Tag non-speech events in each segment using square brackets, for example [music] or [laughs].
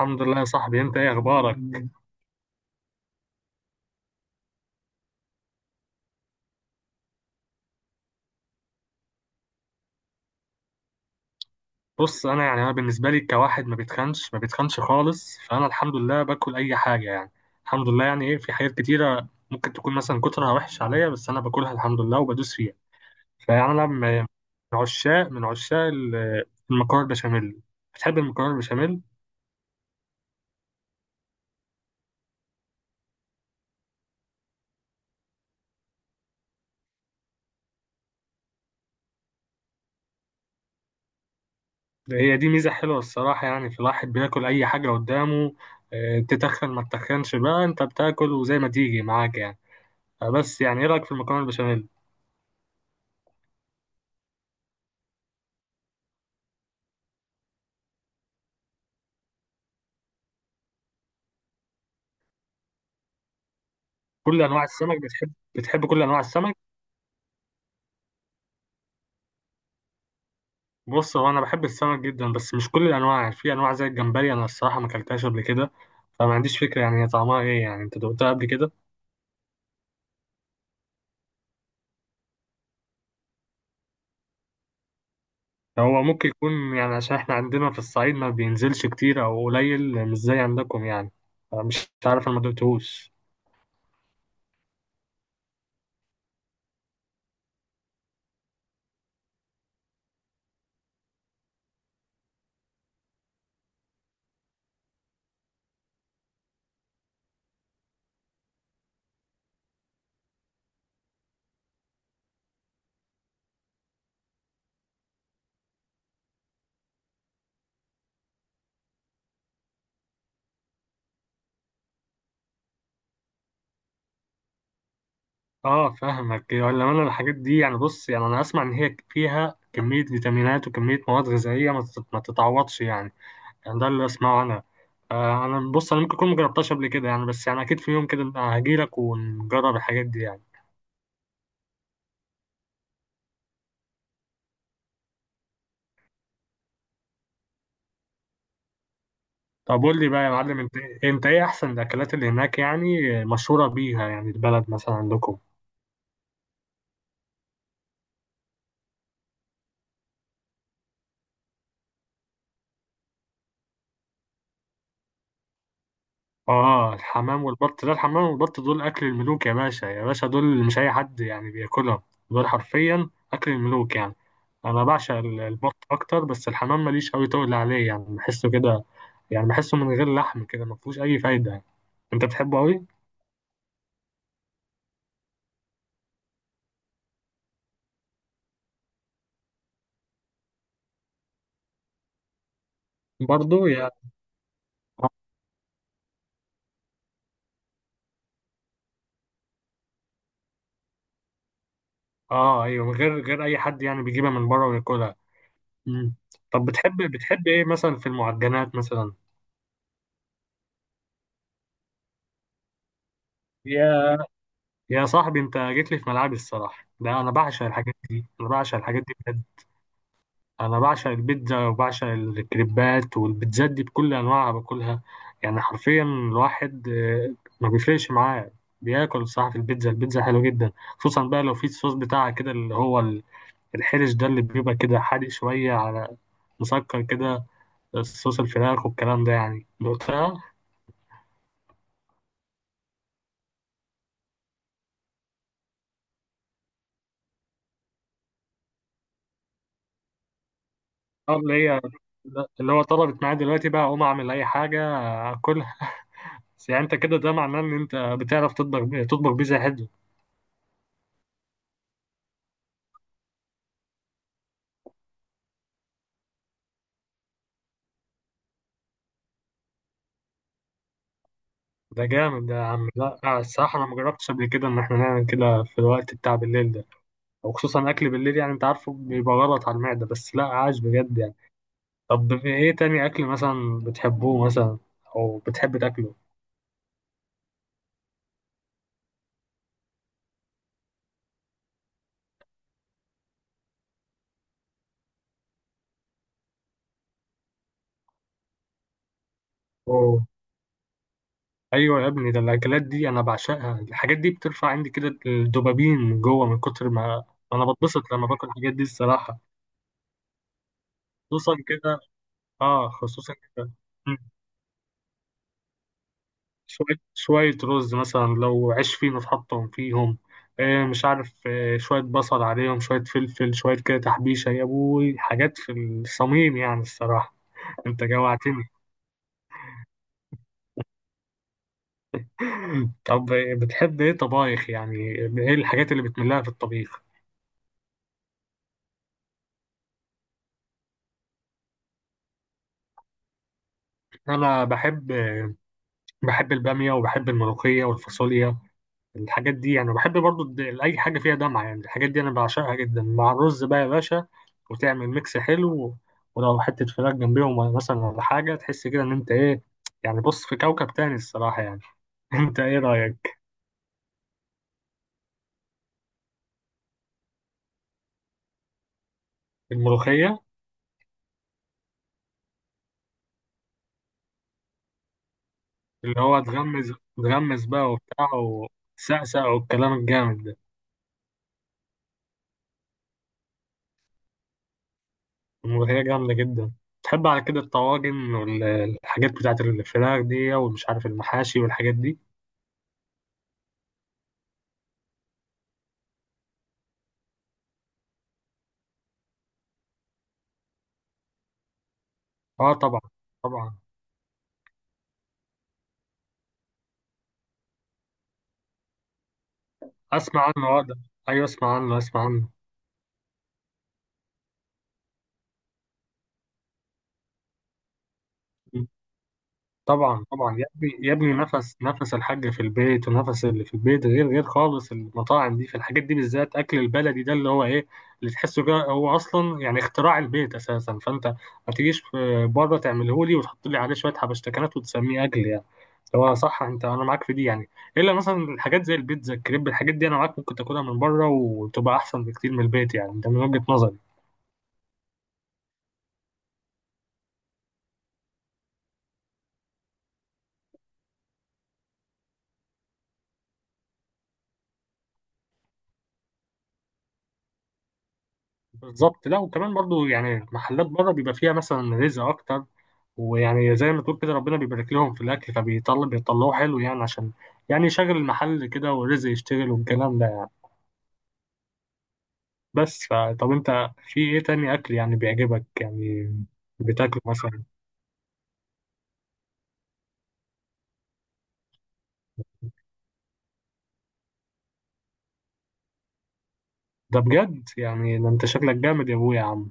الحمد لله يا صاحبي، انت ايه اخبارك؟ بص، انا بالنسبه لي كواحد ما بيتخنش ما بيتخنش خالص، فانا الحمد لله باكل اي حاجه يعني. الحمد لله يعني. ايه، في حاجات كتيره ممكن تكون مثلا كترها وحش عليا، بس انا باكلها الحمد لله وبدوس فيها. فيعني انا من عشاق المكرونه البشاميل. بتحب المكرونه البشاميل؟ هي دي ميزه حلوه الصراحه، يعني في الواحد بياكل اي حاجه قدامه. اه، تتخن ما تتخنش بقى، انت بتاكل وزي ما تيجي معاك يعني. بس يعني ايه رايك في المكرونه البشاميل؟ كل انواع السمك بتحب كل انواع السمك؟ بص، هو انا بحب السمك جدا بس مش كل الانواع. في انواع زي الجمبري، انا الصراحه ما اكلتهاش قبل كده، فما عنديش فكره يعني هي طعمها ايه. يعني انت دقتها قبل كده؟ هو ممكن يكون يعني عشان احنا عندنا في الصعيد ما بينزلش كتير او قليل، مش زي عندكم يعني. مش عارف، انا ما دقتهوش. اه فاهمك، ولا انا الحاجات دي يعني. بص، يعني انا اسمع ان هي فيها كميه فيتامينات وكميه مواد غذائيه ما تتعوضش يعني. يعني ده اللي اسمعه انا. انا بص انا ممكن اكون مجربتهاش قبل كده يعني، بس يعني اكيد في يوم كده هجيلك ونجرب الحاجات دي يعني. طب قول لي بقى يا معلم، انت ايه احسن الاكلات اللي هناك يعني مشهوره بيها، يعني البلد مثلا عندكم؟ اه، الحمام والبط، ده الحمام والبط دول اكل الملوك يا باشا، يا باشا دول مش اي حد يعني بياكلهم. دول حرفيا اكل الملوك يعني. انا بعشق البط اكتر، بس الحمام ماليش قوي تقول عليه يعني، بحسه كده يعني بحسه من غير لحم كده ما فيهوش اي فايده يعني. انت بتحبه قوي؟ برضو يعني. اه ايوه، من غير اي حد يعني بيجيبها من بره وياكلها. مم. طب بتحب بتحب ايه مثلا في المعجنات مثلا؟ يا يا صاحبي، انت جيت لي في ملعبي الصراحه. ده انا بعشق الحاجات دي، انا بعشق الحاجات دي بجد. انا بعشق البيتزا وبعشق الكريبات، والبيتزات دي بكل انواعها باكلها. يعني حرفيا الواحد ما بيفرقش معاه. بياكل الصراحه في البيتزا. البيتزا حلوه جدا، خصوصا بقى لو في الصوص بتاعها كده اللي هو الحرش ده، اللي بيبقى كده حادق شويه على مسكر كده، الصوص، الفراخ والكلام ده يعني. دقتها؟ اه اللي هو طلبت معايا دلوقتي بقى اقوم اعمل اي حاجه اكلها. بس يعني انت كده ده معناه ان انت بتعرف تطبخ تطبخ بيتزا حلو. ده جامد ده يا عم. لا الصراحه انا ما جربتش قبل كده ان احنا نعمل كده في الوقت بتاع بالليل ده. وخصوصا اكل بالليل، يعني انت عارفه بيبقى غلط على المعده، بس لا عاش بجد يعني. طب في ايه تاني اكل مثلا بتحبوه مثلا، او بتحب تاكله؟ ايوه يا ابني، ده الاكلات دي انا بعشقها. الحاجات دي بترفع عندي كده الدوبامين من جوه، من كتر ما انا بتبسط لما باكل الحاجات دي الصراحه. خصوصا كده. اه خصوصا كده. مم. شويه شويه رز مثلا، لو عيش فينو حطهم فيهم، مش عارف، شويه بصل عليهم، شويه فلفل، شويه كده تحبيشه يا ابوي، حاجات في الصميم يعني الصراحه. [laughs] انت جوعتني. [laughs] طب بتحب ايه طبايخ يعني؟ ايه الحاجات اللي بتملها في الطبيخ؟ انا بحب. البامية وبحب الملوخية والفاصوليا، الحاجات دي يعني. بحب برضو أي حاجة فيها دمعة يعني، الحاجات دي أنا بعشقها جدا مع الرز بقى يا باشا. وتعمل ميكس حلو، ولو حتة فراخ جنبيهم مثلا ولا حاجة، تحس كده إن أنت إيه يعني بص في كوكب تاني الصراحة يعني. [laughs] أنت إيه رأيك؟ الملوخية. اللي هو تغمز تغمز بقى وبتاع وسقسق والكلام الجامد ده. الملوخية جامدة جدا. تحب على كده الطواجن والحاجات بتاعت الفراخ دي، ومش عارف المحاشي والحاجات دي؟ اه طبعا طبعا. اسمع عنه اه، ده ايوه اسمع عنه اسمع عنه. مم. طبعا طبعا يا ابني، يا ابني نفس الحاج في البيت، ونفس اللي في البيت غير خالص المطاعم دي في الحاجات دي، بالذات اكل البلدي ده اللي هو ايه، اللي تحسه كده هو اصلا يعني اختراع البيت اساسا. فانت ما تجيش في- بره تعمله لي وتحط لي عليه شويه حبشتكنات وتسميه اكل يعني. هو صح، انت انا معاك في دي يعني. الا مثلا الحاجات زي البيتزا، الكريب، الحاجات دي انا معاك ممكن تاكلها من بره وتبقى احسن بكتير من البيت يعني، ده من وجهة نظري. بالظبط. لا وكمان برضو يعني محلات بره بيبقى فيها مثلا رزق اكتر. ويعني زي ما تقول كده، ربنا بيبارك لهم في الاكل فبيطلع بيطلعوه حلو، يعني عشان يعني يشغل المحل كده والرزق يشتغل والكلام ده يعني. بس فطب انت في ايه تاني اكل يعني بيعجبك يعني بتاكله مثلا؟ ده بجد يعني ده، انت شكلك جامد يا ابويا يا عم.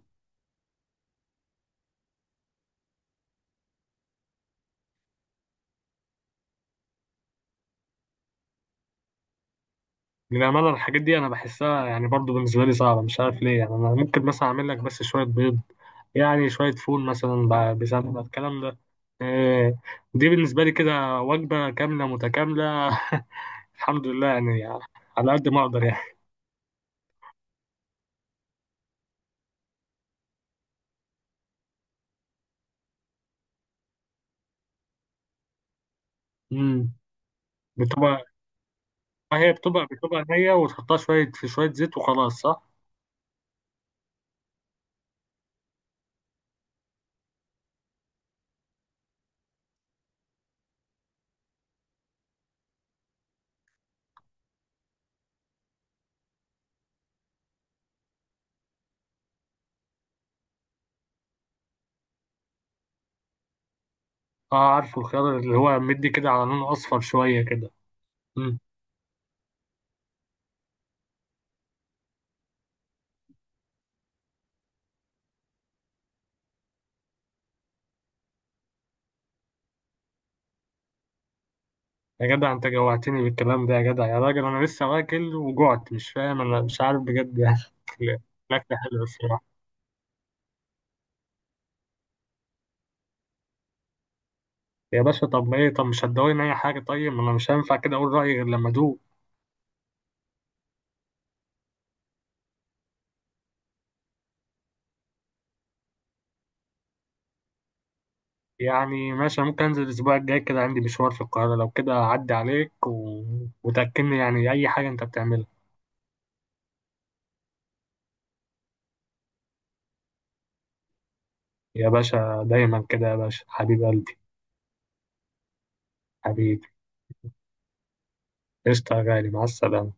للأمانة الحاجات دي أنا بحسها يعني برضو بالنسبة لي صعبة، مش عارف ليه يعني. أنا ممكن مثلا أعمل لك بس شوية بيض، يعني شوية فول مثلا بسمنة، الكلام ده. إيه، دي بالنسبة لي كده وجبة كاملة متكاملة. [laughs] الحمد لله يعني على قد ما أقدر يعني. مم. بتبقى هي بتبقى نية، وتحطها شوية في شوية زيت وخلاص، صح؟ اه عارفه. الخيار اللي هو مدي كده على لون أصفر شوية كده. يا جدع انت جوعتني بالكلام ده، يا جدع يا راجل، انا لسه واكل وجعت، مش فاهم انا، مش عارف بجد يعني. [laughs] الاكل. الأكل حلو الصراحه. يا باشا طب ايه، طب مش هتدوقني اي حاجه طيب، ما انا مش هينفع كده اقول رايي غير لما ادوق. يعني ماشي، ممكن انزل الاسبوع الجاي كده، عندي مشوار في القاهره، لو كده اعدي عليك و... وتاكلني يعني اي حاجه انت بتعملها. يا باشا دايما كده يا باشا، حبيب قلبي. حبيبي. قشطه يا غالي، مع السلامه.